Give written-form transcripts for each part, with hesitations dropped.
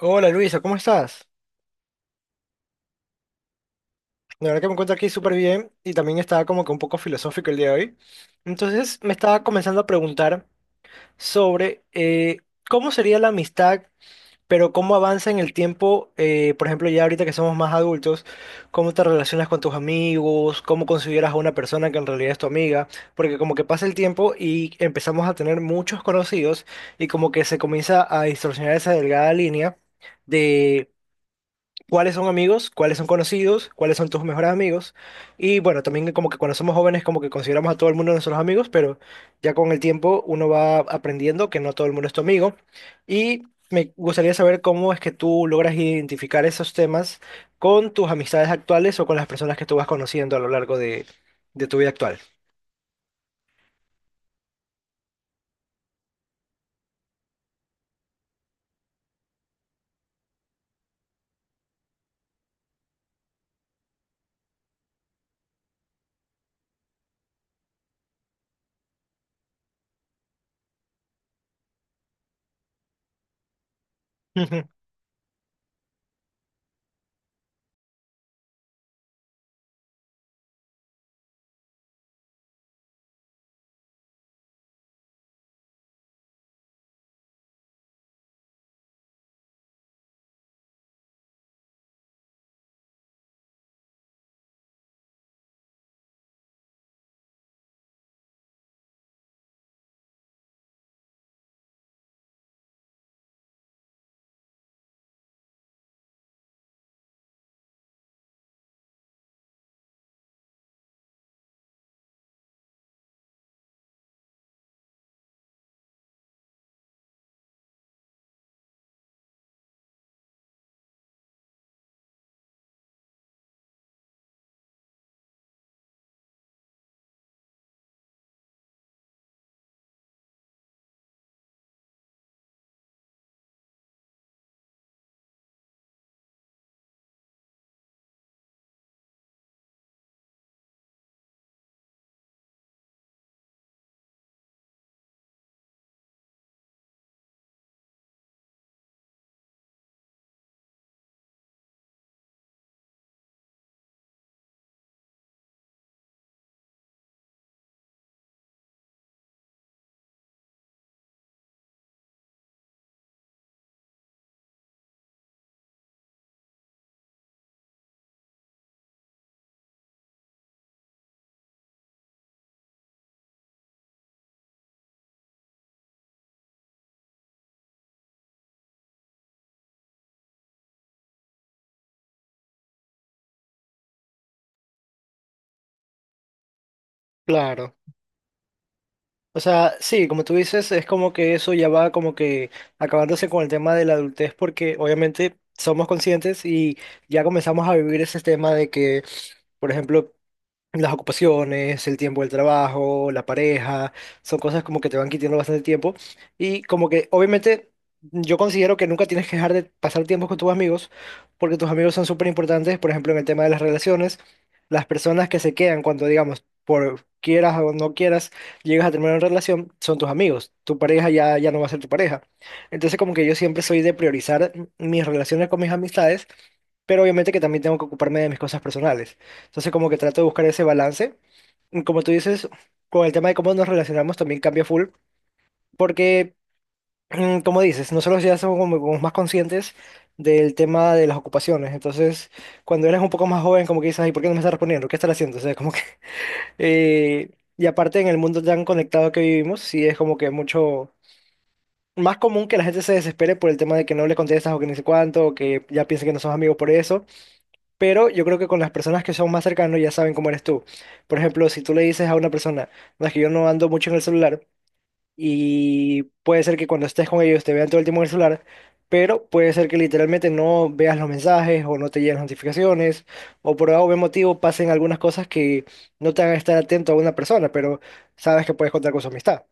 Hola Luisa, ¿cómo estás? La verdad que me encuentro aquí súper bien y también estaba como que un poco filosófico el día de hoy. Entonces me estaba comenzando a preguntar sobre cómo sería la amistad, pero cómo avanza en el tiempo, por ejemplo, ya ahorita que somos más adultos, cómo te relacionas con tus amigos, cómo consideras a una persona que en realidad es tu amiga, porque como que pasa el tiempo y empezamos a tener muchos conocidos y como que se comienza a distorsionar esa delgada línea. Cuáles son amigos, cuáles son conocidos, cuáles son tus mejores amigos. Y bueno, también como que cuando somos jóvenes como que consideramos a todo el mundo nuestros amigos, pero ya con el tiempo uno va aprendiendo que no todo el mundo es tu amigo. Y me gustaría saber cómo es que tú logras identificar esos temas con tus amistades actuales o con las personas que tú vas conociendo a lo largo de tu vida actual. Ujú. Claro. O sea, sí, como tú dices, es como que eso ya va como que acabándose con el tema de la adultez porque obviamente somos conscientes y ya comenzamos a vivir ese tema de que, por ejemplo, las ocupaciones, el tiempo del trabajo, la pareja, son cosas como que te van quitando bastante tiempo y como que obviamente yo considero que nunca tienes que dejar de pasar tiempo con tus amigos porque tus amigos son súper importantes, por ejemplo, en el tema de las relaciones, las personas que se quedan cuando digamos, por quieras o no quieras, llegas a terminar una relación, son tus amigos, tu pareja ya no va a ser tu pareja. Entonces como que yo siempre soy de priorizar mis relaciones con mis amistades pero obviamente que también tengo que ocuparme de mis cosas personales. Entonces como que trato de buscar ese balance. Y como tú dices, con el tema de cómo nos relacionamos también cambia full, porque como dices, nosotros ya somos como más conscientes del tema de las ocupaciones. Entonces, cuando eres un poco más joven, como que dices, ay, ¿por qué no me estás respondiendo? ¿Qué estás haciendo? O sea, como que... eh, y aparte, en el mundo tan conectado que vivimos, sí es como que mucho más común que la gente se desespere por el tema de que no le contestas o que ni sé cuánto, o que ya piensen que no somos amigos por eso. Pero yo creo que con las personas que son más cercanos ya saben cómo eres tú. Por ejemplo, si tú le dices a una persona, no es que yo no ando mucho en el celular, y puede ser que cuando estés con ellos te vean todo el tiempo en el celular, pero puede ser que literalmente no veas los mensajes o no te lleguen las notificaciones, o por algún motivo pasen algunas cosas que no te hagan estar atento a una persona, pero sabes que puedes contar con su amistad.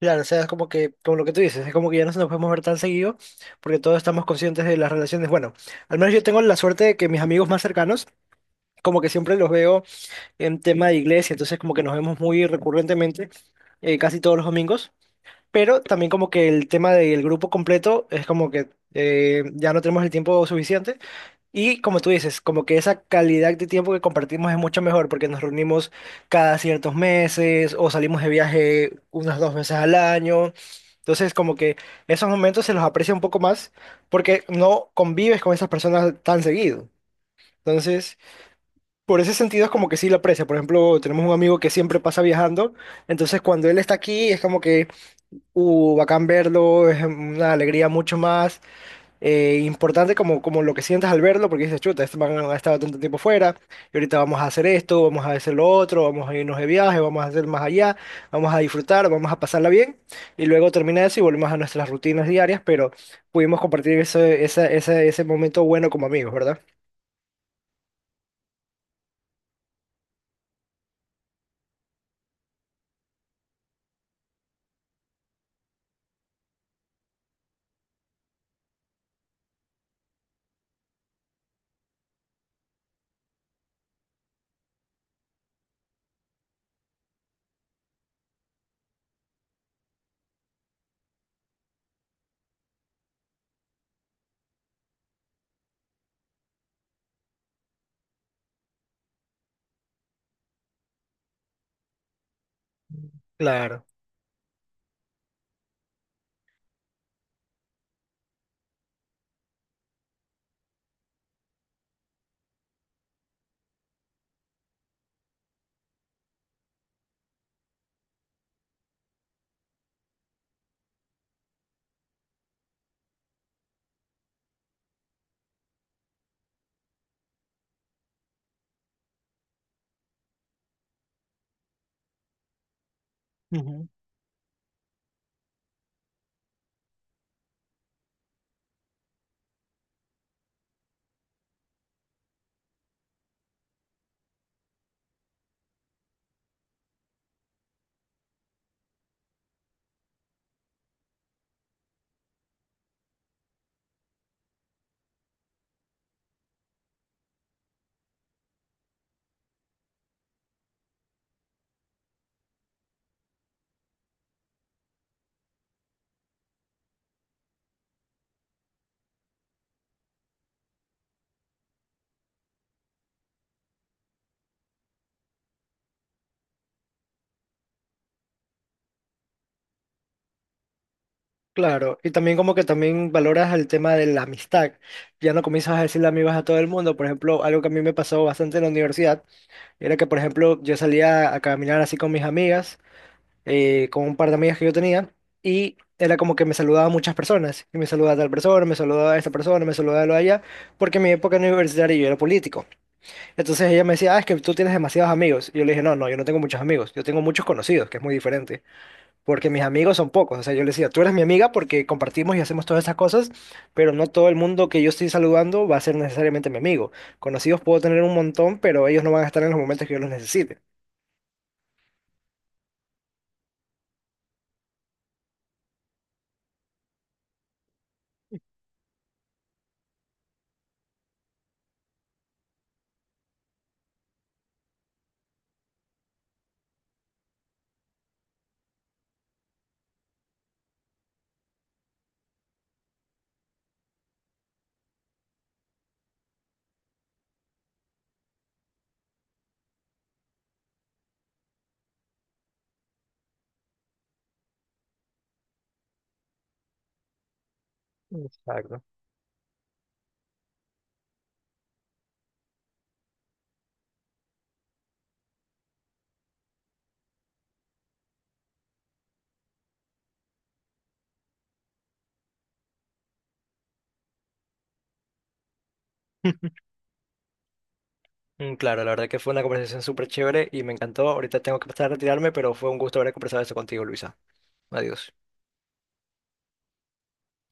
Claro, o sea, es como que, como lo que tú dices, es como que ya no nos podemos ver tan seguido porque todos estamos conscientes de las relaciones. Bueno, al menos yo tengo la suerte de que mis amigos más cercanos como que siempre los veo en tema de iglesia, entonces como que nos vemos muy recurrentemente, casi todos los domingos, pero también como que el tema del grupo completo es como que ya no tenemos el tiempo suficiente y como tú dices, como que esa calidad de tiempo que compartimos es mucho mejor porque nos reunimos cada ciertos meses o salimos de viaje unas dos veces al año. Entonces, como que esos momentos se los aprecia un poco más porque no convives con esas personas tan seguido. Entonces, por ese sentido es como que sí lo aprecia. Por ejemplo, tenemos un amigo que siempre pasa viajando, entonces cuando él está aquí es como que, bacán verlo, es una alegría mucho más importante como, como lo que sientas al verlo, porque dices, chuta, este man ha estado tanto tiempo fuera, y ahorita vamos a hacer esto, vamos a hacer lo otro, vamos a irnos de viaje, vamos a hacer más allá, vamos a disfrutar, vamos a pasarla bien, y luego termina eso y volvemos a nuestras rutinas diarias, pero pudimos compartir ese, esa- ese ese momento bueno como amigos, ¿verdad? Claro. Ujú. Claro, y también como que también valoras el tema de la amistad. Ya no comienzas a decirle amigos a todo el mundo. Por ejemplo, algo que a mí me pasó bastante en la universidad era que, por ejemplo, yo salía a caminar así con mis amigas, con un par de amigas que yo tenía, y era como que me saludaba muchas personas. Y me saludaba a tal persona, me saludaba a esta persona, me saludaba a lo de allá, porque en mi época universitaria yo era político. Entonces ella me decía, ah, es que tú tienes demasiados amigos. Y yo le dije, no, no, yo no tengo muchos amigos, yo tengo muchos conocidos, que es muy diferente porque mis amigos son pocos. O sea, yo les decía, tú eres mi amiga porque compartimos y hacemos todas esas cosas, pero no todo el mundo que yo estoy saludando va a ser necesariamente mi amigo. Conocidos puedo tener un montón, pero ellos no van a estar en los momentos que yo los necesite. Exacto. Mm, claro, la verdad que fue una conversación súper chévere y me encantó. Ahorita tengo que pasar a retirarme, pero fue un gusto haber conversado esto contigo, Luisa. Adiós.